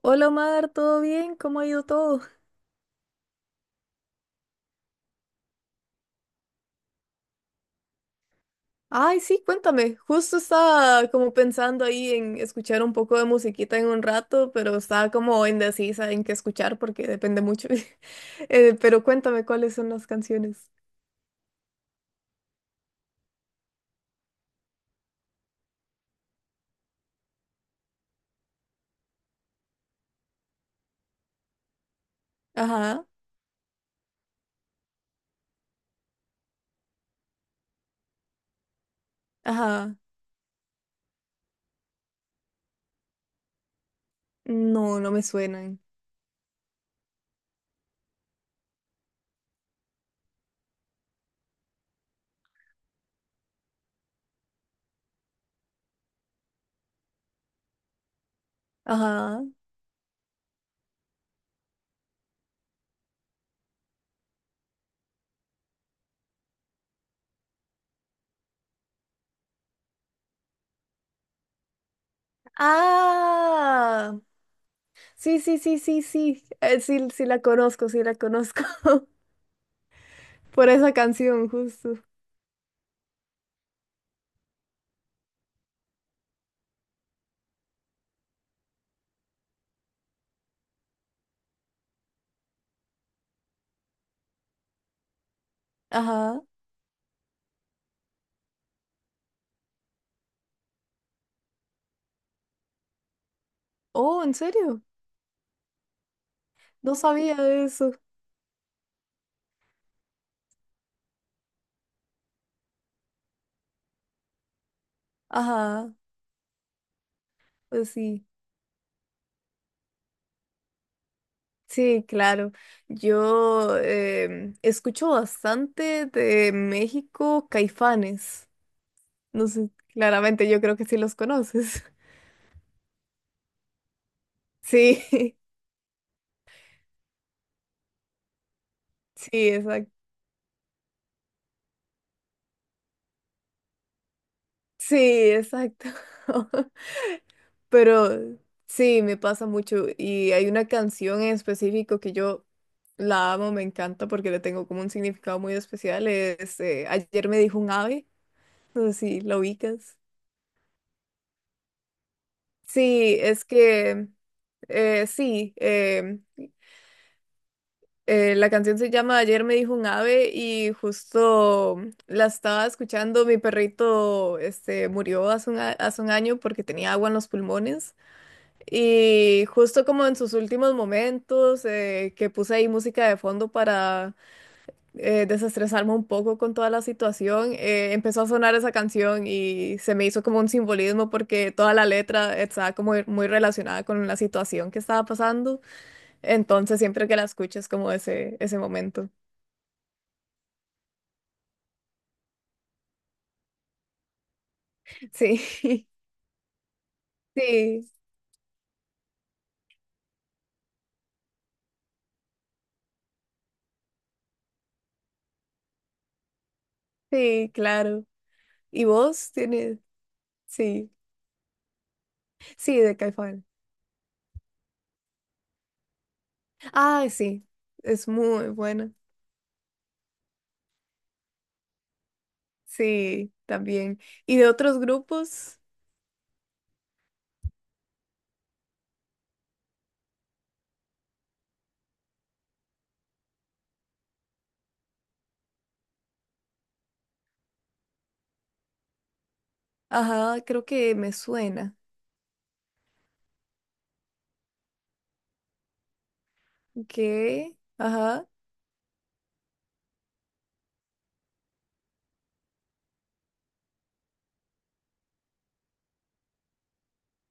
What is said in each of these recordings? Hola Omar, ¿todo bien? ¿Cómo ha ido todo? Ay, sí, cuéntame. Justo estaba como pensando ahí en escuchar un poco de musiquita en un rato, pero estaba como indecisa en qué escuchar porque depende mucho. Pero cuéntame cuáles son las canciones. Ajá, ajá. No, no me suenan. Ajá. Ah, sí, sí, sí, sí, sí. Sí, sí la conozco, sí la conozco. Por esa canción, justo. Ajá. Oh, ¿en serio? No sabía de eso. Ajá, pues sí, sí, claro. Yo escucho bastante de México Caifanes. No sé, claramente yo creo que sí los conoces. Sí, sí, exacto. Sí, exacto. Pero sí, me pasa mucho. Y hay una canción en específico que yo la amo, me encanta porque le tengo como un significado muy especial. Es Ayer me dijo un ave. No sé si la ubicas. Sí, es que sí, la canción se llama Ayer me dijo un ave y justo la estaba escuchando. Mi perrito este, murió hace un año porque tenía agua en los pulmones. Y justo como en sus últimos momentos, que puse ahí música de fondo para desestresarme un poco con toda la situación, empezó a sonar esa canción y se me hizo como un simbolismo porque toda la letra estaba como muy relacionada con la situación que estaba pasando. Entonces, siempre que la escucho es como ese momento. Sí, sí, sí, claro. ¿Y vos tienes? Sí, sí, de Caifán. Ah, sí, es muy buena. Sí, también. ¿Y de otros grupos? Ajá, creo que me suena. ¿Qué? Ajá,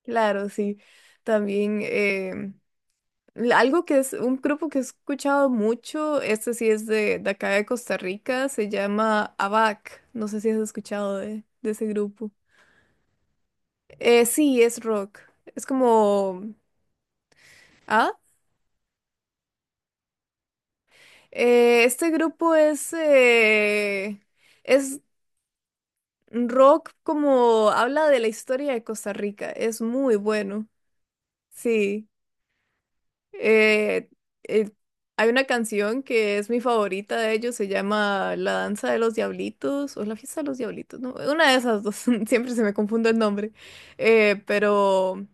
claro, sí. También algo que es un grupo que he escuchado mucho, este sí es de acá de Costa Rica, se llama ABAC. No sé si has escuchado de ese grupo. Sí, es rock. Es como... ¿Ah? Este grupo es rock, como habla de la historia de Costa Rica. Es muy bueno. Sí. Eh, eh, Hay una canción que es mi favorita de ellos, se llama La Danza de los Diablitos o La Fiesta de los Diablitos, ¿no? Una de esas dos, siempre se me confunde el nombre. Pero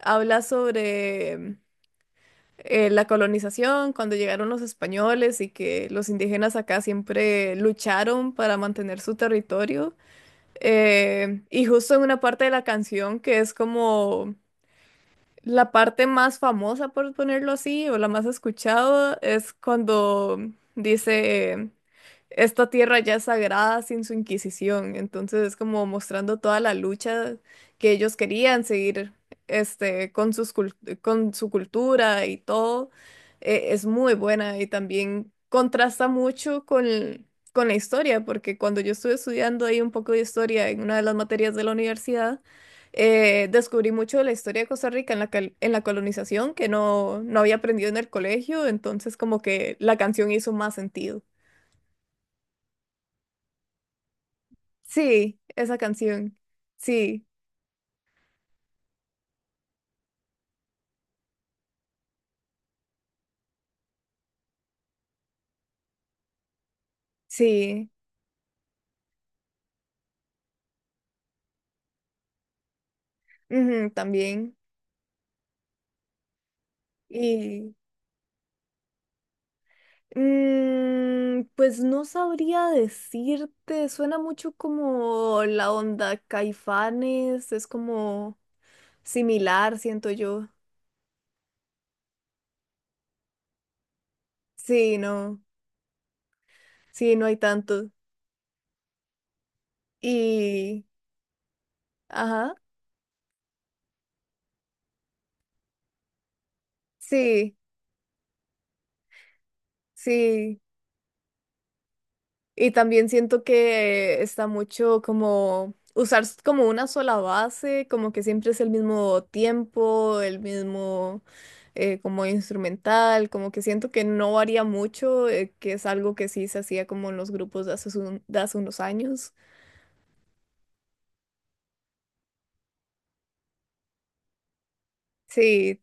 habla sobre la colonización, cuando llegaron los españoles y que los indígenas acá siempre lucharon para mantener su territorio. Y justo en una parte de la canción que es como... La parte más famosa, por ponerlo así, o la más escuchada, es cuando dice, esta tierra ya es sagrada sin su Inquisición. Entonces es como mostrando toda la lucha que ellos querían seguir, este, con su cultura y todo. Es muy buena y también contrasta mucho con la historia, porque cuando yo estuve estudiando ahí un poco de historia en una de las materias de la universidad, descubrí mucho de la historia de Costa Rica en la colonización que no, no había aprendido en el colegio, entonces como que la canción hizo más sentido. Sí, esa canción. Sí, sí, ujú, también. Y pues no sabría decirte, suena mucho como la onda Caifanes, es como similar, siento yo. Sí, no, sí, no hay tanto. Y, ajá, sí. Sí, y también siento que está mucho como usar como una sola base, como que siempre es el mismo tiempo, el mismo como instrumental, como que siento que no varía mucho, que es algo que sí se hacía como en los grupos de hace unos años. Sí,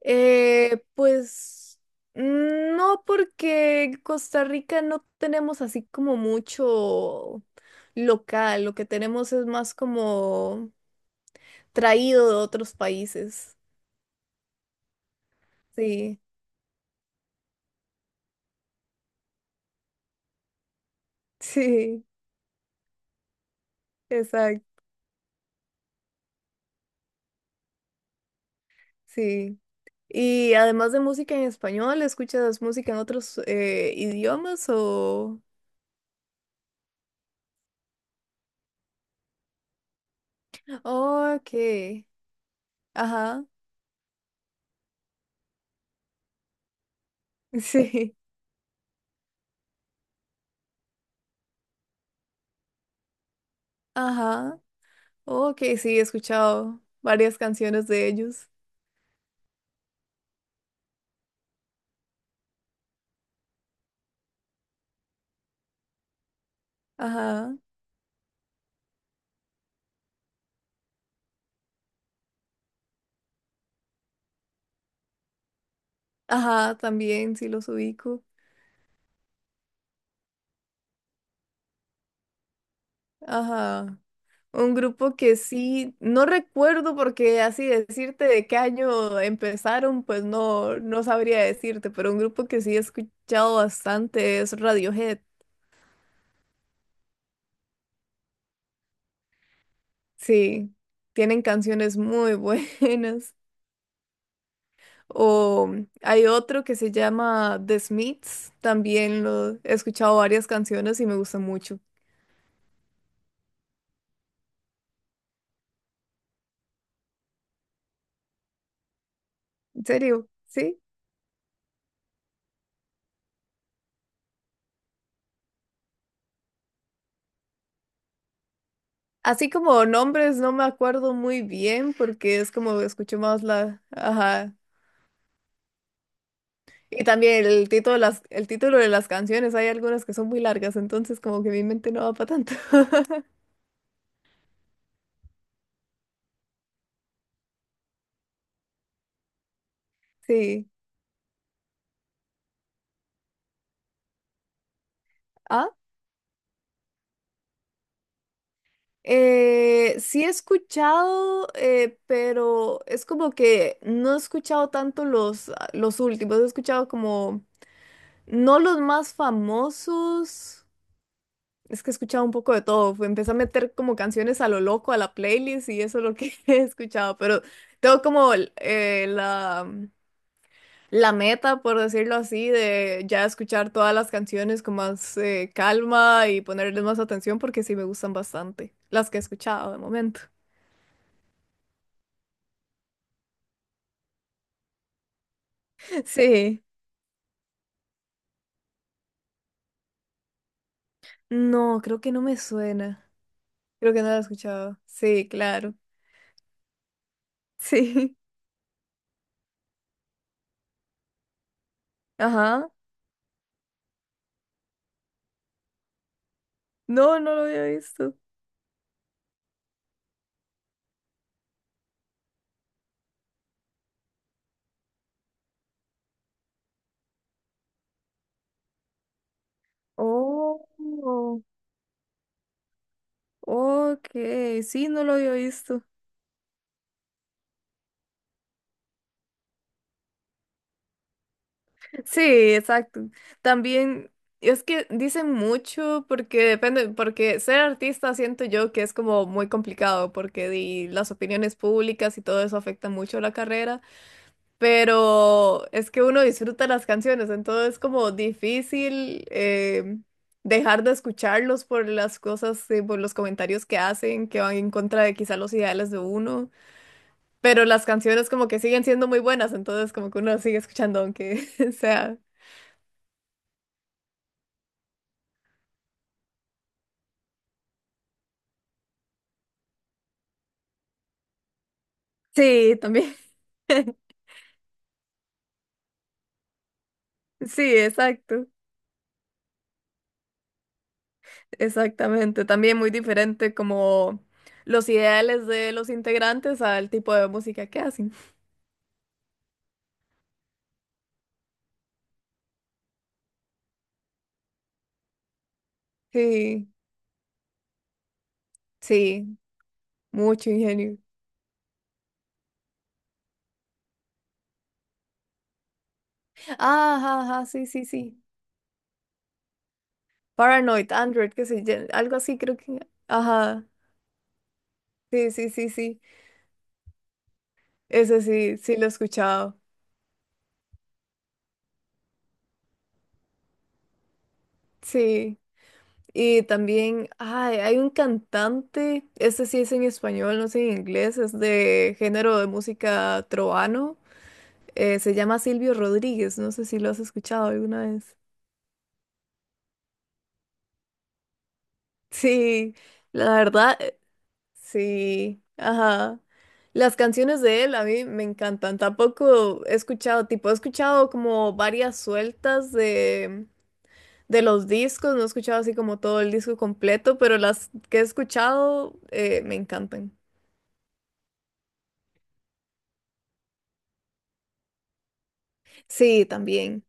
pues no, porque en Costa Rica no tenemos así como mucho local, lo que tenemos es más como... traído de otros países. Sí, sí, exacto, sí. Y además de música en español, ¿escuchas música en otros idiomas o...? Oh, ok, ajá, sí, ajá, oh, ok, sí, he escuchado varias canciones de ellos. Ajá, ajá, también, sí los ubico. Ajá. Un grupo que sí, no recuerdo porque así decirte de qué año empezaron, pues no, no sabría decirte, pero un grupo que sí he escuchado bastante es Radiohead. Sí, tienen canciones muy buenas. O hay otro que se llama The Smiths, también lo he escuchado varias canciones y me gusta mucho. En serio, sí. Así como nombres no me acuerdo muy bien porque es como escucho más la, ajá. Y también el título de las, el título de las canciones, hay algunas que son muy largas, entonces como que mi mente no va para tanto. Sí. Ah, sí he escuchado, pero es como que no he escuchado tanto los últimos, he escuchado como, no los más famosos, es que he escuchado un poco de todo, empecé a meter como canciones a lo loco a la playlist y eso es lo que he escuchado, pero tengo como la meta, por decirlo así, de ya escuchar todas las canciones con más calma y ponerles más atención porque sí me gustan bastante, las que he escuchado de momento. Sí, no, creo que no me suena. Creo que no la he escuchado. Sí, claro. Sí, ajá. No, no lo había visto. Oh, ok, sí, no lo había visto. Sí, exacto. También es que dicen mucho porque depende, porque ser artista siento yo que es como muy complicado porque las opiniones públicas y todo eso afecta mucho la carrera, pero es que uno disfruta las canciones, entonces es como difícil dejar de escucharlos por las cosas, por los comentarios que hacen, que van en contra de quizá los ideales de uno, pero las canciones como que siguen siendo muy buenas, entonces como que uno las sigue escuchando aunque sea. Sí, también. Sí, exacto. Exactamente. También muy diferente como los ideales de los integrantes al tipo de música que hacen. Sí, sí, mucho ingenio. Ajá, ajá, sí, sí, sí. Paranoid, Android, ¿qué sé yo? Algo así creo que. Ajá, sí, sí, sí, sí. Ese sí, sí lo he escuchado. Sí. Y también, ay, hay un cantante, este sí es en español, no sé en inglés, es de género de música trovano. Se llama Silvio Rodríguez, no sé si lo has escuchado alguna vez. Sí, la verdad, sí, ajá. Las canciones de él a mí me encantan. Tampoco he escuchado, tipo, he escuchado como varias sueltas de los discos, no he escuchado así como todo el disco completo, pero las que he escuchado me encantan. Sí, también.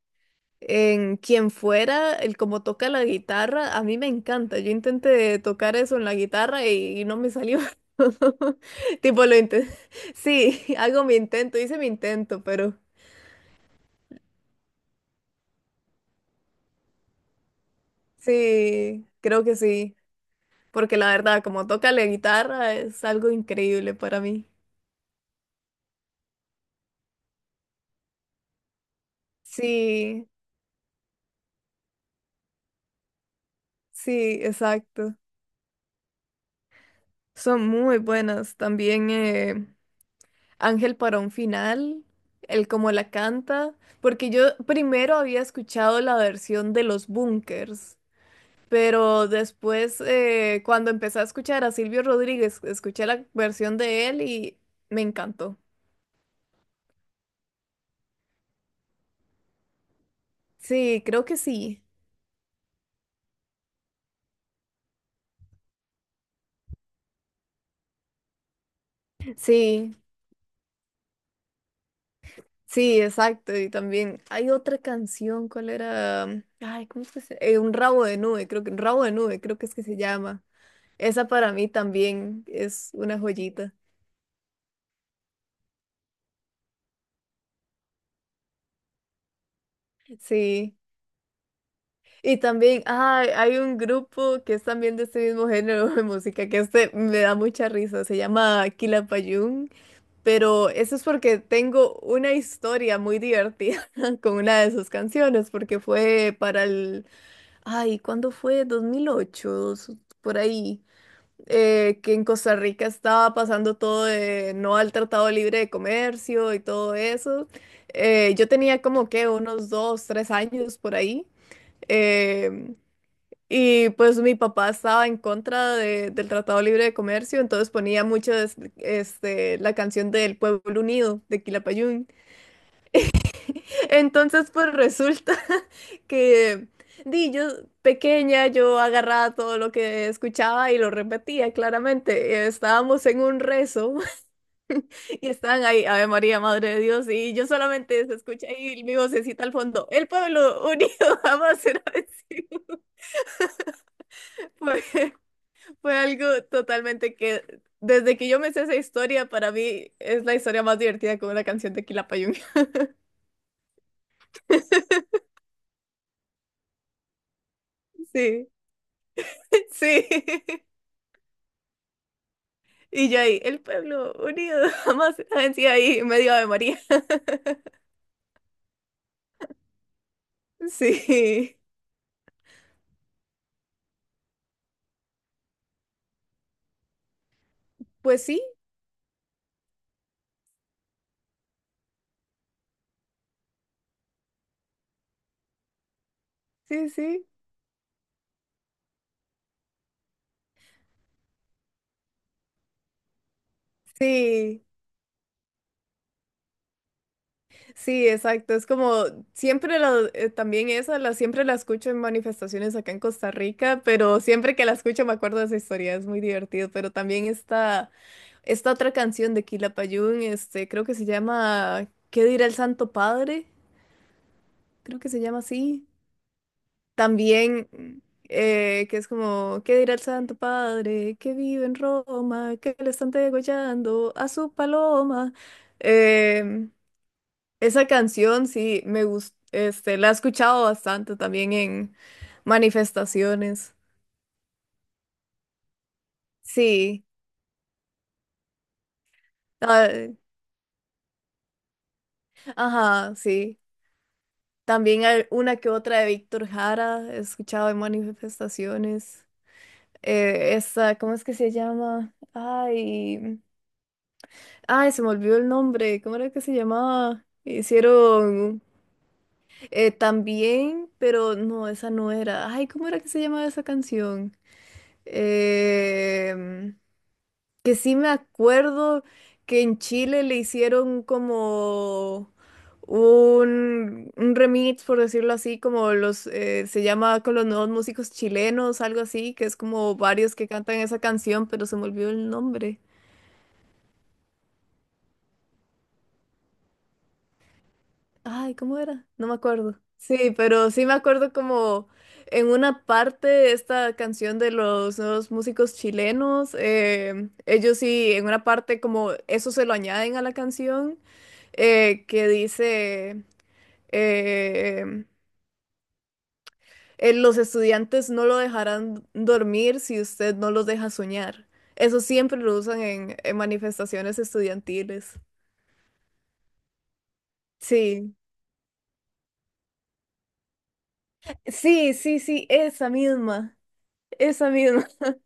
En quien fuera, el como toca la guitarra, a mí me encanta. Yo intenté tocar eso en la guitarra y no me salió. Tipo, lo intenté. Sí, hago mi intento, hice mi intento, pero sí, creo que sí. Porque la verdad, como toca la guitarra es algo increíble para mí. Sí, sí, exacto. Son muy buenas también. Ángel para un final, el cómo la canta, porque yo primero había escuchado la versión de los Bunkers, pero después cuando empecé a escuchar a Silvio Rodríguez, escuché la versión de él y me encantó. Sí, creo que sí. Sí, sí, exacto. Y también hay otra canción, ¿cuál era? Ay, ¿cómo es que se un rabo de nube, creo que un rabo de nube, creo que es que se llama. Esa para mí también es una joyita. Sí. Y también, ah, hay un grupo que es también de este mismo género de música, que este me da mucha risa, se llama Quilapayún, pero eso es porque tengo una historia muy divertida con una de sus canciones, porque fue para el, ay, ¿cuándo fue? 2008, por ahí, que en Costa Rica estaba pasando todo de no al Tratado Libre de Comercio y todo eso. Yo tenía como que unos dos, tres años por ahí. eh, y pues mi papá estaba en contra del Tratado Libre de Comercio, entonces ponía mucho este, la canción del Pueblo Unido de Quilapayún. Entonces pues resulta que di, yo pequeña, yo agarraba todo lo que escuchaba y lo repetía claramente. Estábamos en un rezo y estaban ahí, Ave María, Madre de Dios, y yo solamente se escucha ahí mi vocecita al fondo, el Pueblo Unido jamás será vencido. Fue algo totalmente que, desde que yo me sé esa historia, para mí es la historia más divertida con una canción de Quilapayún. Sí, sí. Y yo ahí, el pueblo unido jamás venció ahí, medio de María. Sí. Pues sí, sí, sí. Sí. Sí, exacto. Es como siempre la, también esa, la, siempre la escucho en manifestaciones acá en Costa Rica, pero siempre que la escucho me acuerdo de esa historia, es muy divertido. Pero también está esta otra canción de Quilapayún, este, creo que se llama ¿Qué dirá el Santo Padre? Creo que se llama así. También, que es como ¿Qué dirá el Santo Padre? Que vive en Roma, que le están degollando a su paloma. Em, Esa canción sí me gusta, este, la he escuchado bastante también en manifestaciones. Sí, ah, ajá, sí. También hay una que otra de Víctor Jara he escuchado en manifestaciones. Esa, ¿cómo es que se llama? Ay, ay, se me olvidó el nombre. ¿Cómo era que se llamaba? Hicieron también, pero no, esa no era. Ay, ¿cómo era que se llamaba esa canción? Eh, Que sí me acuerdo que en Chile le hicieron como un remix, por decirlo así, como se llama con los nuevos músicos chilenos, algo así, que es como varios que cantan esa canción, pero se me olvidó el nombre. Ay, ¿cómo era? No me acuerdo. Sí, pero sí me acuerdo como en una parte esta canción de los nuevos músicos chilenos, ellos sí, en una parte como eso se lo añaden a la canción. Que dice, eh, los estudiantes no lo dejarán dormir si usted no los deja soñar. Eso siempre lo usan en manifestaciones estudiantiles. Sí, sí, sí, sí, esa misma, esa misma.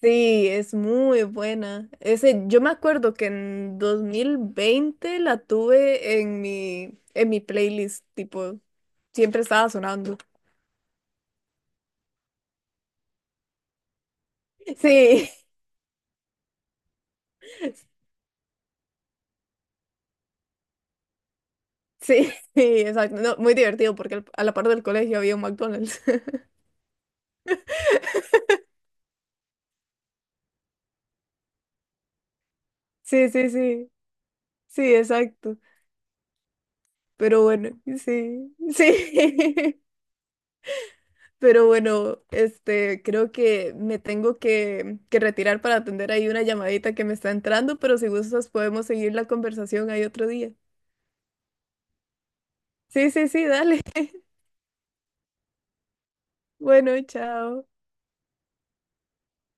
Sí, es muy buena. Ese, yo me acuerdo que en 2020 la tuve en mi playlist, tipo, siempre estaba sonando. Sí. Sí, exacto. No, muy divertido porque a la par del colegio había un McDonald's. Sí, sí, sí. Sí, exacto. Pero bueno, sí, sí. Pero bueno, este, creo que me tengo que retirar para atender ahí una llamadita que me está entrando, pero si gustas podemos seguir la conversación ahí otro día. Sí, sí, sí, dale. Bueno, chao.